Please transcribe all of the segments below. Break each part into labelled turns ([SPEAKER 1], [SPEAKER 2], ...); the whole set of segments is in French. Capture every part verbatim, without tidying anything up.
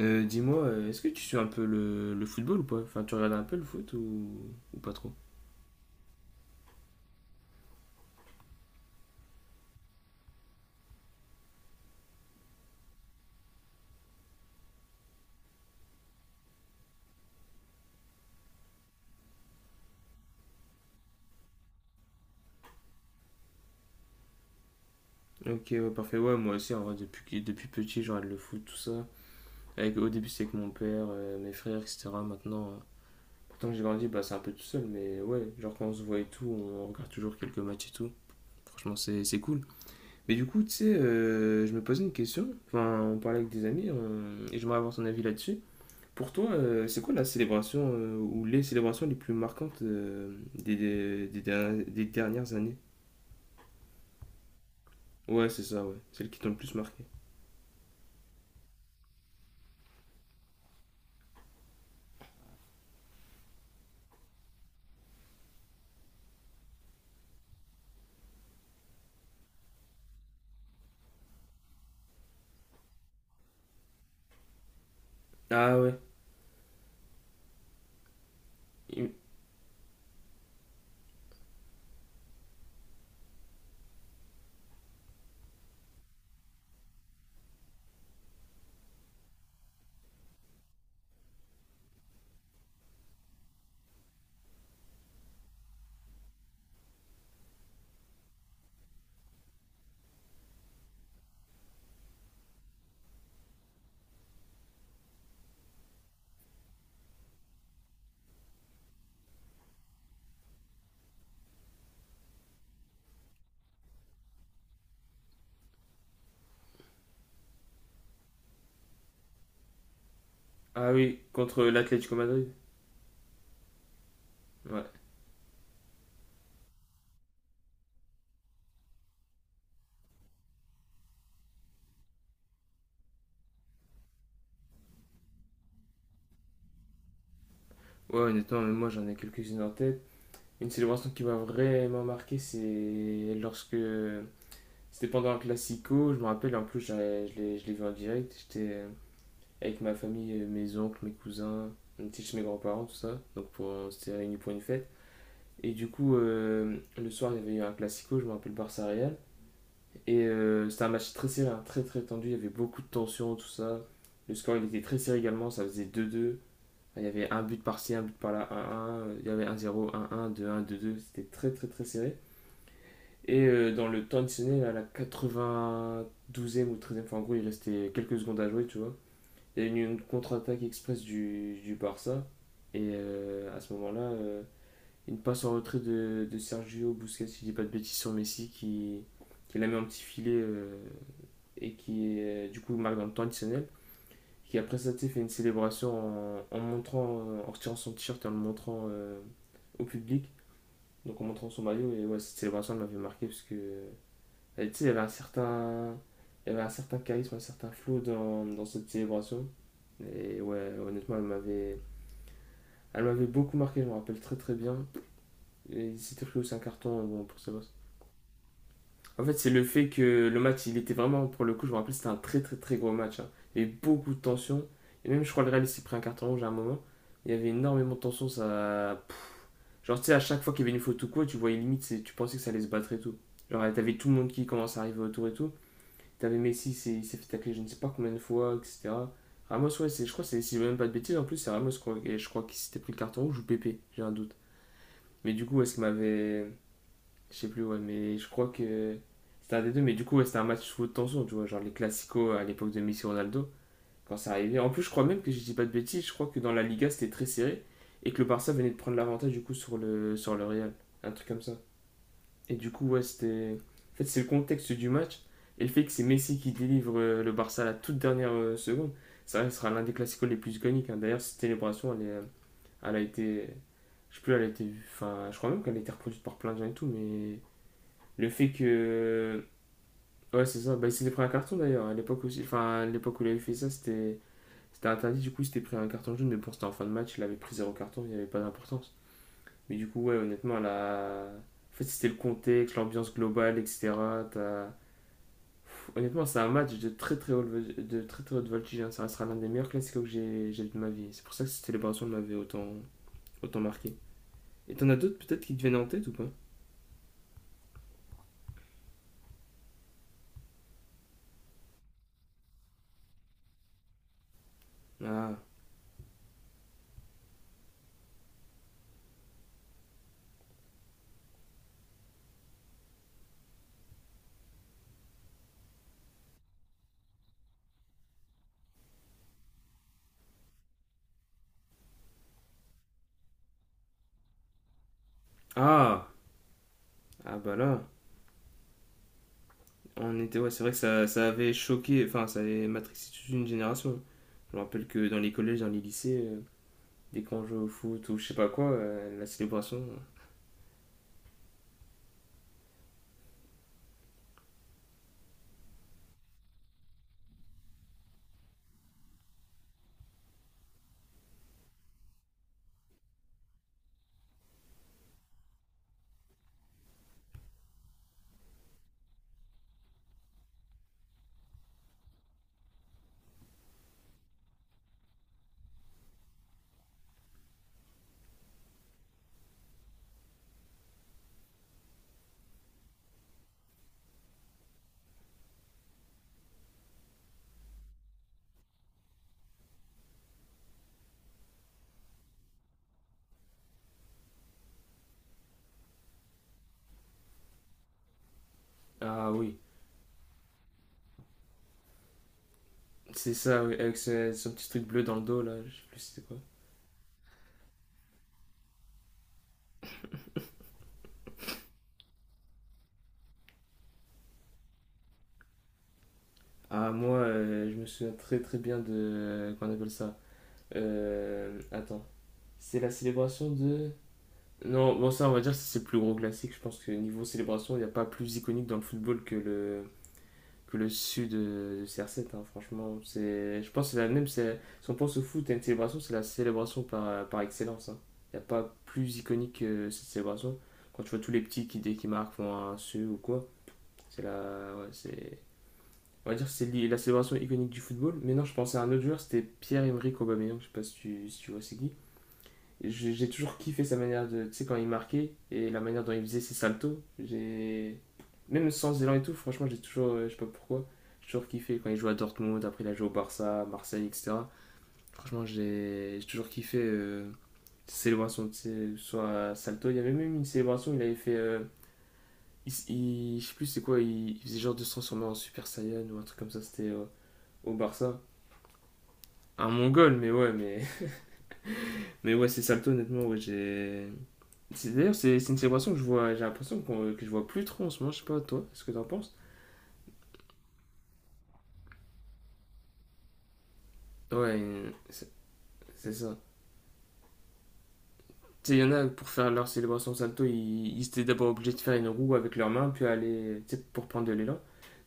[SPEAKER 1] Euh, Dis-moi, euh, est-ce que tu suis un peu le, le football ou pas? Enfin, tu regardes un peu le foot ou, ou pas trop? Ok, ouais, parfait. Ouais, moi aussi, en vrai, depuis, que- depuis petit, je regarde le foot, tout ça. Avec, au début, c'est avec mon père, euh, mes frères, et cetera. Maintenant, euh, pourtant que j'ai grandi, bah, c'est un peu tout seul, mais ouais, genre quand on se voit et tout, on regarde toujours quelques matchs et tout. Franchement, c'est c'est cool. Mais du coup, tu sais, euh, je me posais une question. Enfin, on parlait avec des amis, on- et j'aimerais avoir ton avis là-dessus. Pour toi, euh, c'est quoi la célébration euh, ou les célébrations les plus marquantes euh, des, des, des derni- des dernières années? Ouais, c'est ça, ouais. Celles qui t'ont le plus marqué. Ah ouais. Il- Ah oui, contre l'Atlético Madrid. Ouais. Ouais, honnêtement, mais moi j'en ai quelques-unes en tête. Une célébration qui m'a vraiment marqué, c'est lorsque. C'était pendant un classico, je me rappelle, en plus j'avais- je l'ai je l'ai vu en direct. J'étais euh, avec ma famille, euh, mes oncles, mes cousins, on était chez mes grands-parents, tout ça. Donc pour, on s'était réunis pour une fête. Et du coup, euh, le soir, il y avait eu un classico, je me rappelle Barça Real. Et euh, c'était un match très serré, hein, très très tendu, il y avait beaucoup de tension, tout ça. Le score, il était très serré également, ça faisait deux deux. Il y avait un but par-ci, un but par-là, un 1. Il y avait un zéro un un deux, un deux deux. C'était très très très serré. Et euh, dans le temps additionnel, à la quatre-vingt-douzième ou treizième e enfin en gros, il restait quelques secondes à jouer, tu vois. Il y a eu une contre-attaque express du, du Barça. Et euh, à ce moment-là, euh, une passe en retrait de, de Sergio Busquets, si je dis pas de bêtises, sur Messi qui, qui la met en petit filet euh, et qui euh, du coup marque dans le temps additionnel. Qui après ça tu fait une célébration en, en montrant, euh, en retirant son t-shirt et en le montrant euh, au public, donc en montrant son maillot. Et ouais, cette célébration elle m'avait marqué parce que elle, tu sais, il y avait un certain, il y avait un certain charisme, un certain flow dans, dans cette célébration. Et ouais, honnêtement, elle m'avait, elle m'avait beaucoup marqué, je me rappelle très très bien. Et il s'était pris aussi un carton bon, pour celle. En fait, c'est le fait que le match, il était vraiment, pour le coup, je me rappelle, c'était un très très très gros match, hein. Il y avait beaucoup de tension. Et même, je crois, le Real s'est pris un carton rouge à un moment. Il y avait énormément de tension. Ça. Genre, tu sais, à chaque fois qu'il y avait une faute ou quoi, tu voyais limite, c'est- tu pensais que ça allait se battre et tout. Genre, t'avais tout le monde qui commence à arriver autour et tout. T'avais Messi, c'est- il s'est fait tacler je ne sais pas combien de fois, et cetera. Ramos, ouais, c'est- je crois, que c'est- si je dis même pas de bêtises, en plus, c'est Ramos, je crois, et je crois qu'il s'était pris le carton rouge ou Pépé, j'ai un doute. Mais du coup, est-ce qu'il m'avait. Je sais plus, ouais, mais je crois que c'était un des deux. Mais du coup, ouais, c'était un match sous haute tension, tu vois, genre les classicos à l'époque de Messi Ronaldo, quand ça arrivait. En plus, je crois même que je dis pas de bêtises, je crois que dans la Liga, c'était très serré et que le Barça venait de prendre l'avantage du coup sur le, sur le Real. Un truc comme ça. Et du coup, ouais, c'était. En fait, c'est le contexte du match et le fait que c'est Messi qui délivre euh, le Barça à la toute dernière euh, seconde. Ça sera l'un des classicos les plus iconiques, hein. D'ailleurs, cette célébration, elle, est, euh, elle a été. Je sais plus, elle a été. Enfin, je crois même qu'elle a été reproduite par plein de gens et tout, mais le fait que. Ouais, c'est ça. Bah, il s'était pris un carton d'ailleurs. À l'époque aussi. Enfin, à l'époque où il avait fait ça, c'était c'était interdit. Du coup, il s'était pris un carton jaune. Mais bon, c'était en fin de match. Il avait pris zéro carton. Il n'y avait pas d'importance. Mais du coup, ouais, honnêtement, la. En fait, c'était le contexte, l'ambiance globale, et cetera. T'as- Pff, honnêtement, c'est un match de très très haute, de très, très haute voltige, hein. Ça restera l'un des meilleurs classiques que j'ai j'ai vu de ma vie. C'est pour ça que cette célébration m'avait autant, autant marqué. Et t'en as d'autres peut-être qui te viennent en tête ou pas? Ah. Ah. Ah bah là. On était, ouais, c'est vrai que ça, ça avait choqué, enfin, ça avait matrixé toute une génération. Je me rappelle que dans les collèges, dans les lycées, euh, dès qu'on jouait au foot ou je sais pas quoi, euh, la célébration. euh, Ah oui, c'est ça, oui, avec ce- son petit truc bleu dans le dos là, je sais plus c'était quoi. Ah, moi, euh, je me souviens très très bien de. Euh, Qu'on appelle ça. Euh, Attends, c'est la célébration de. Non, bon, ça, on va dire, c'est le plus gros classique. Je pense que niveau célébration, il n'y a pas plus iconique dans le football que le. Que le sud euh, de C R sept, hein, franchement. C'est, je pense que c'est la même. c'est- Si on pense au foot à une célébration, c'est la célébration par, euh, par excellence, hein. Il n'y a pas plus iconique que cette célébration. Quand tu vois tous les petits qui, dès qu'ils marquent, font un su ou quoi, c'est la. Ouais, c'est. On va dire que c'est la célébration iconique du football. Mais non, je pensais à un autre joueur, c'était Pierre-Emerick Aubameyang. Je sais pas si tu, si tu vois c'est qui. J'ai j'ai toujours kiffé sa manière de. Tu sais, quand il marquait et la manière dont il faisait ses saltos. J'ai. Même sans élan et tout, franchement, j'ai toujours. Euh, je sais pas pourquoi. J'ai toujours kiffé quand il jouait à Dortmund, après il a joué au Barça, à Marseille, et cetera. Franchement, j'ai j'ai toujours kiffé euh, ses célébrations, tu sais, soit à salto. Il y avait même une célébration, il avait fait. euh, il, il- je sais plus c'est quoi, il, il faisait genre de se transformer en Super Saiyan ou un truc comme ça, c'était euh, au Barça. Un mongol, mais ouais, mais Mais ouais, c'est Salto, honnêtement, ouais, j'ai. C'est- D'ailleurs, c'est c'est une célébration que je vois, j'ai l'impression qu'on- que je vois plus trop en ce moment, je sais pas, toi, est ce que t'en penses? Ouais, euh, c'est c'est ça. Tu sais, il y en a pour faire leur célébration Salto, ils, ils étaient d'abord obligés de faire une roue avec leurs mains, puis aller, tu sais, pour prendre de l'élan.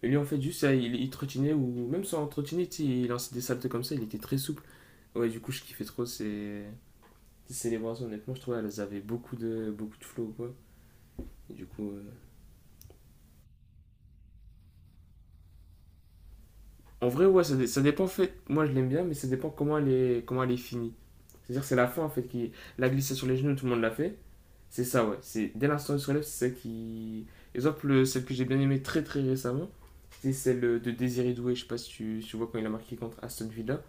[SPEAKER 1] Et lui, en fait, juste, ça, il, il trottinait, ou même sans trottiner, tu sais, il lançait des saltos comme ça, il était très souple. Ouais, du coup, je kiffais trop ces, ces célébrations, honnêtement, je trouvais qu'elles avaient beaucoup de, beaucoup de flow, quoi. Et du coup, euh, En vrai, ouais, ça, dé- ça dépend en fait. Moi, je l'aime bien, mais ça dépend comment elle est, comment elle est finie. C'est-à-dire, c'est la fin en fait qui. La glissade sur les genoux, tout le monde l'a fait. C'est ça, ouais. C'est dès l'instant où il se relève, c'est ça qui. Exemple, celle que j'ai bien aimée très très récemment, c'était celle euh, de Désiré Doué. Je sais pas si tu, si tu vois quand il a marqué contre Aston Villa.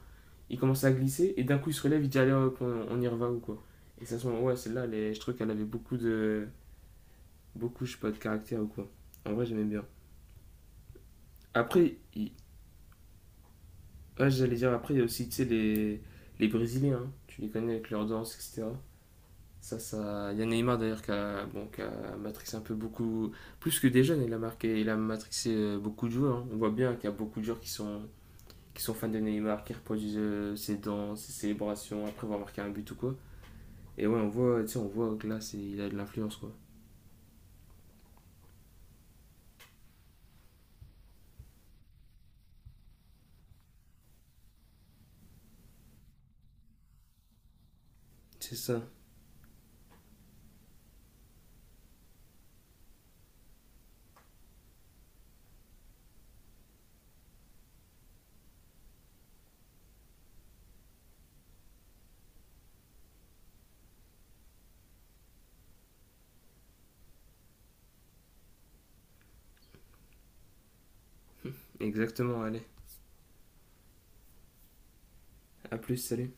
[SPEAKER 1] Il commence à glisser et d'un coup il se relève, il dit allez hop, on, on y reva ou quoi. Et ça, se ouais, celle-là, elle est- je trouve qu'elle avait beaucoup de. Beaucoup, je sais pas, de caractère ou quoi. En vrai, j'aimais bien. Après, il- Ouais, j'allais dire après, il y a aussi, tu sais, les, les Brésiliens, hein. Tu les connais avec leur danse, et cetera. Ça, ça... Il y a Neymar d'ailleurs qui a, bon, qui a matrixé un peu beaucoup, plus que des jeunes, il a marqué, il a matrixé euh, beaucoup de joueurs, hein. On voit bien qu'il y a beaucoup de joueurs qui sont, qui sont fans de Neymar, qui reproduisent euh, ses danses, ses célébrations, après avoir marqué un but ou quoi. Et ouais, on voit, tu sais, on voit que là, c'est- il a de l'influence, quoi. C'est ça, exactement, allez. À plus, salut.